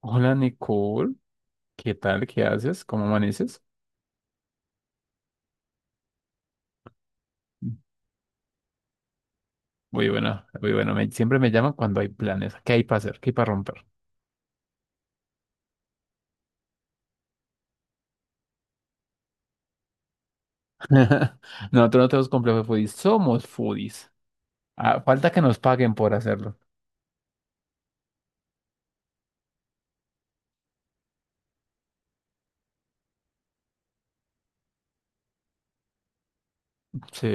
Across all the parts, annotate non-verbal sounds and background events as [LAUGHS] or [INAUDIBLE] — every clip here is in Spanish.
Hola Nicole, ¿qué tal? ¿Qué haces? ¿Cómo amaneces? Muy bueno, muy bueno. Siempre me llaman cuando hay planes. ¿Qué hay para hacer? ¿Qué hay para romper? [LAUGHS] Nosotros no tenemos complejo de foodies, somos foodies. Ah, falta que nos paguen por hacerlo. Sí,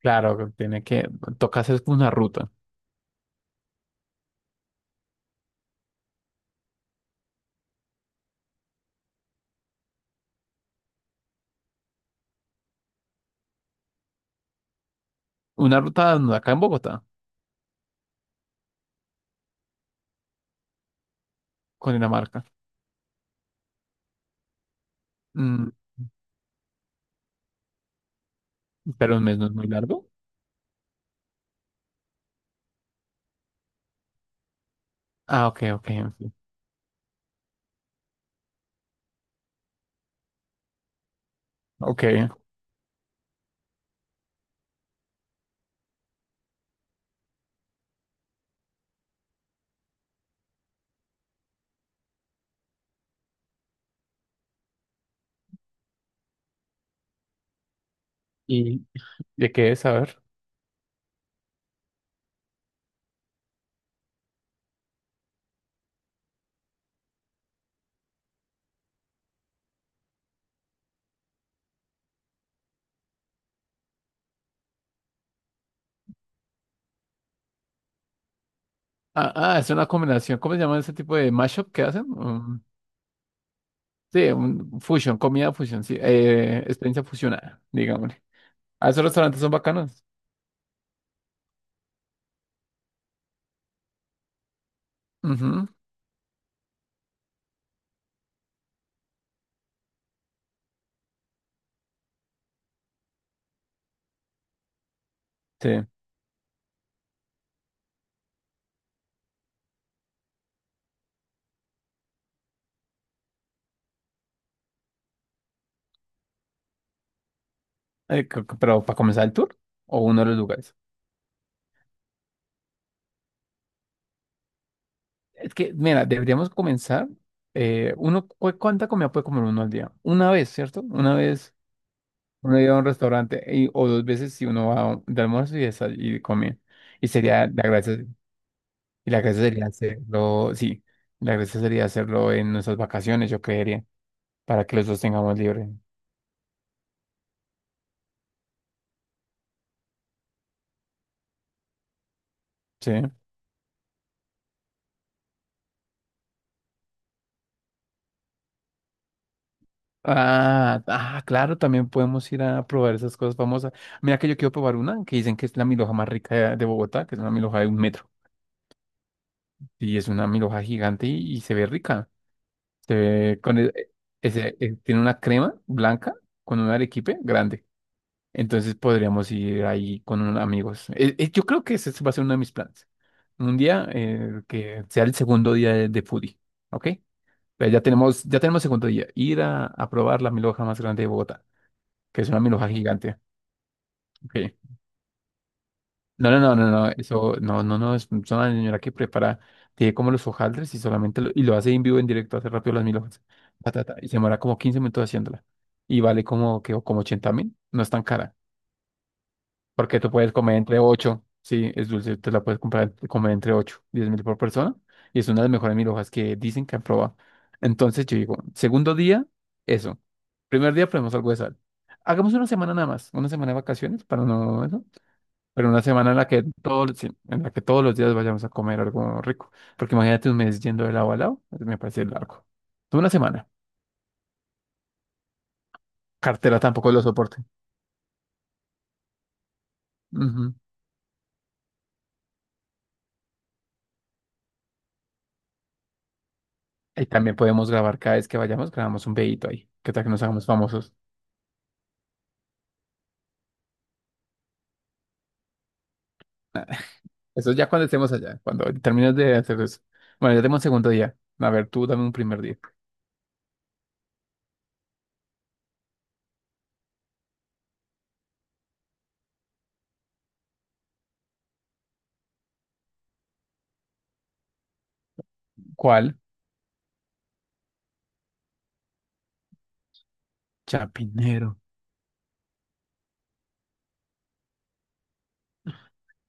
claro, toca hacer una ruta. Una ruta acá en Bogotá, con Dinamarca. Mm, pero un mes no es muy largo. Ah, ok, ok, en. Ok. ¿Y de qué es? A ver. Ah, ah, es una combinación. ¿Cómo se llama ese tipo de mashup que hacen? Mm. Sí, un fusion, comida fusion, sí, experiencia fusionada, digámosle. Ah, esos restaurantes son bacanos. Ujú, sí. Pero para comenzar el tour o uno de los lugares. Es que, mira, deberíamos comenzar. Uno, ¿cuánta comida puede comer uno al día? Una vez, ¿cierto? Una vez uno iba a un restaurante o dos veces si uno va a de almuerzo y, y come. Y sería la gracia, y la gracia sería hacerlo, sí, la gracia sería hacerlo en nuestras vacaciones, yo creería, para que los dos tengamos libre. Sí. Ah, ah, claro, también podemos ir a probar esas cosas famosas. Mira que yo quiero probar una que dicen que es la milhoja más rica de Bogotá, que es una milhoja de 1 metro. Y es una milhoja gigante y se ve rica. Se ve con e- e, ese- Tiene una crema blanca con un arequipe grande. Entonces podríamos ir ahí con unos amigos. Yo creo que ese va a ser uno de mis planes. Un día que sea el segundo día de foodie, ¿ok? Pero ya tenemos segundo día. Ir a probar la milhoja más grande de Bogotá. Que es una milhoja gigante. Okay. No, no, no, no, no. Eso, no, no, no. Es una señora que prepara, tiene como los hojaldres y solamente lo, y lo hace en vivo, en directo, hace rápido las milhojas. Ta, ta, ta, y se demora como 15 minutos haciéndola. Y vale como 80.000. No es tan cara. Porque tú puedes comer entre ocho. Sí, es dulce. Te la puedes comer entre 8 10.000 por persona. Y es una de las mejores milhojas que dicen que han probado. Entonces yo digo, segundo día, eso. Primer día ponemos algo de sal. Hagamos una semana nada más, una semana de vacaciones para no, eso. Pero una semana en la que todos, sí, en la que todos los días vayamos a comer algo rico. Porque imagínate un mes yendo de lado a lado, eso me parece largo. Tú. Una semana. Cartera tampoco lo soporte. Ujú. Y también podemos grabar cada vez que vayamos, grabamos un videito ahí. ¿Qué tal que nos hagamos famosos? Eso es ya cuando estemos allá, cuando termines de hacer eso. Bueno, ya tenemos un segundo día. A ver, tú dame un primer día. ¿Cuál? Chapinero.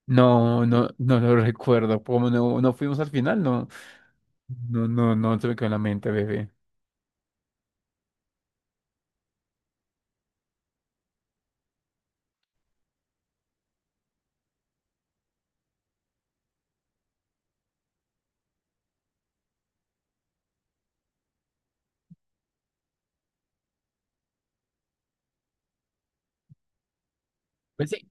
No, no, no lo recuerdo. Como no, no fuimos al final, no, no, no, no se me quedó en la mente, bebé. Pues sí,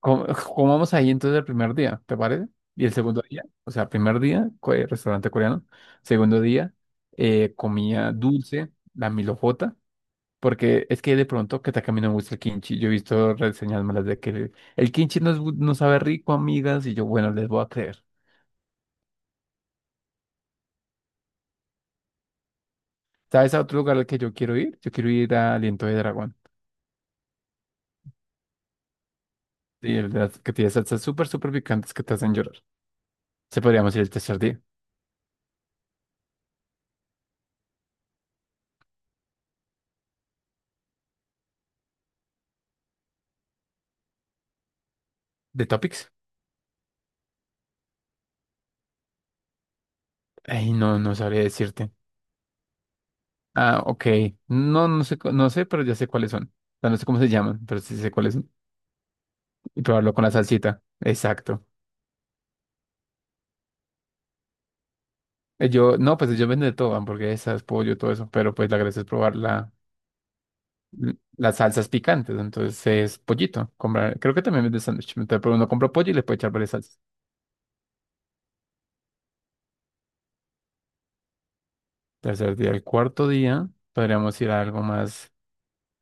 com- comamos ahí entonces el primer día, ¿te parece? Y el segundo día, o sea, primer día, restaurante coreano. Segundo día, comía dulce, la milojota, porque es que de pronto que también me gusta el kimchi. Yo he visto reseñas malas de que el kimchi no, no sabe rico, amigas, y yo, bueno, les voy a creer. ¿Sabes a otro lugar al que yo quiero ir? Yo quiero ir a Aliento de Dragón. Sí, el de las que tiene salsas súper, súper picantes que te hacen llorar. Se podríamos ir el tercer día. ¿De Topics? Ay, no, no sabría decirte. Ah, ok. No, no sé, no sé, pero ya sé cuáles son. O sea, no sé cómo se llaman, pero sí sé cuáles son. Y probarlo con la salsita. Exacto. Yo, no, pues yo venden de todo, hamburguesas, pollo, todo eso, pero pues la gracia es probar las salsas picantes. Entonces es pollito. Creo que también vende sándwich. Entonces, pero uno compra pollo y le puede echar varias salsas. Tercer día, el cuarto día, podríamos ir a algo más.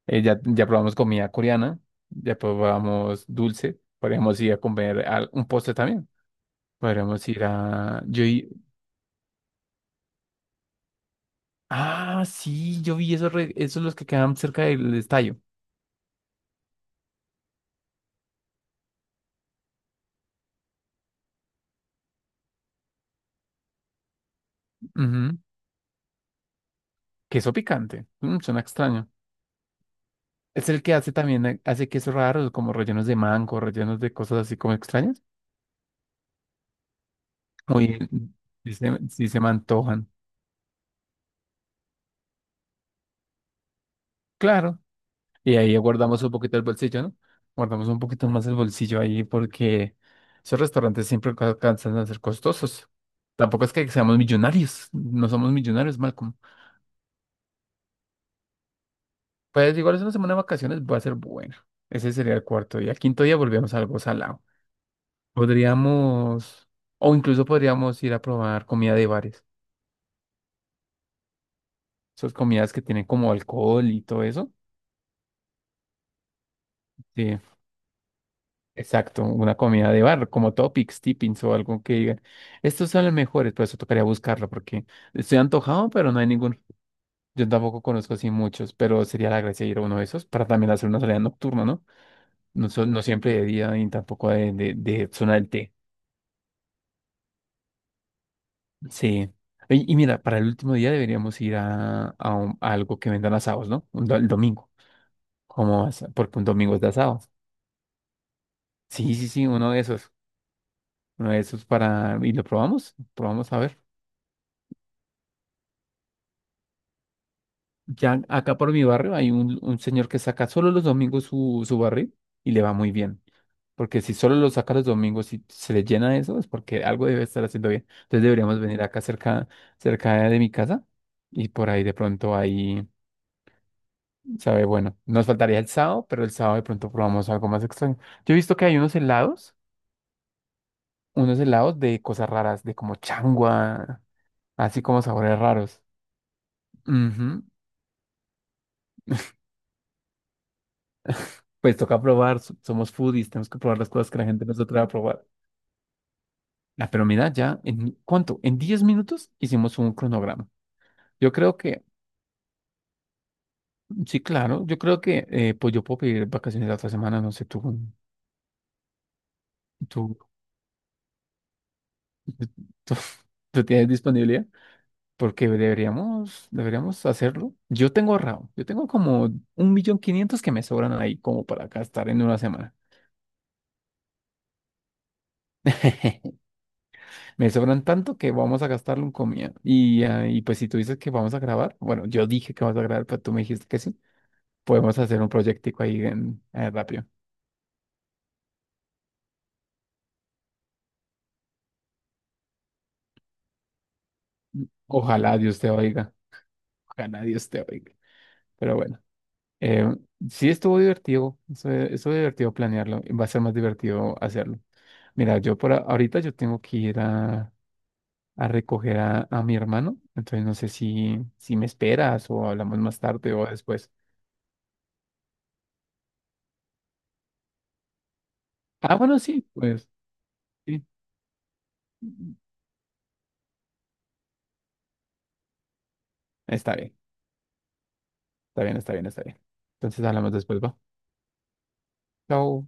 ya probamos comida coreana, ya probamos dulce, podríamos ir a comer un postre también. Podríamos ir a. Yo. Ah, sí, yo vi esos los que quedan cerca del estadio. Ujú. Queso picante. Suena extraño. Es el que hace también, hace quesos raros, como rellenos de mango, rellenos de cosas así como extrañas. Muy, sí se me antojan. Claro. Y ahí guardamos un poquito el bolsillo, ¿no? Guardamos un poquito más el bolsillo ahí porque esos restaurantes siempre alcanzan a ser costosos. Tampoco es que seamos millonarios. No somos millonarios, Malcolm. Pues igual es una semana de vacaciones, va a ser buena. Ese sería el cuarto día. Quinto día volvemos a algo salado. Podríamos, o incluso podríamos ir a probar comida de bares. Esas comidas que tienen como alcohol y todo eso. Sí, exacto, una comida de bar, como topics, tippings o algo que digan. Estos son los mejores, por eso tocaría buscarlo, porque estoy antojado, pero no hay ninguno. Yo tampoco conozco así muchos, pero sería la gracia ir a uno de esos para también hacer una salida nocturna, ¿no? No, no siempre de día y tampoco de zona del té. Sí. Ey, y, mira, para el último día deberíamos ir a algo que vendan asados, ¿no? El domingo. Porque un domingo es de asados. Sí, sí, sí, uno de esos. Uno de esos para. ¿Y lo probamos? Probamos a ver. Ya acá por mi barrio hay un señor que saca solo los domingos su barril y le va muy bien. Porque si solo lo saca los domingos y se le llena eso, es porque algo debe estar haciendo bien. Entonces deberíamos venir acá cerca de mi casa y por ahí de pronto hay. Sabe, bueno, nos faltaría el sábado, pero el sábado de pronto probamos algo más extraño. Yo he visto que hay unos helados de cosas raras, de como changua, así como sabores raros. Ujú. [LAUGHS] Pues toca probar, somos foodies, tenemos que probar las cosas que la gente nos atreve a probar. La Pero mira, ya, ¿en cuánto? En 10 minutos hicimos un cronograma. Yo creo que, sí, claro, yo creo que pues yo puedo pedir vacaciones la otra semana, no sé, tú, [LAUGHS] tú, tú tienes disponibilidad. Porque deberíamos hacerlo. Yo tengo ahorrado. Yo tengo como 1.500.000 que me sobran ahí como para gastar en una semana. [LAUGHS] Me sobran tanto que vamos a gastarlo en comida. Y pues si tú dices que vamos a grabar, bueno, yo dije que vamos a grabar, pero tú me dijiste que sí. Podemos hacer un proyectico ahí en, rápido. Ojalá Dios te oiga. Ojalá Dios te oiga. Pero bueno, eh, sí estuvo divertido. Estuvo divertido planearlo, y va a ser más divertido hacerlo. Mira, yo por ahorita yo tengo que ir a recoger a mi hermano. Entonces no sé si me esperas o hablamos más tarde o después. Ah, bueno, sí, pues sí. Está bien, está bien, está bien, está bien. Entonces hablamos después, va. Chao.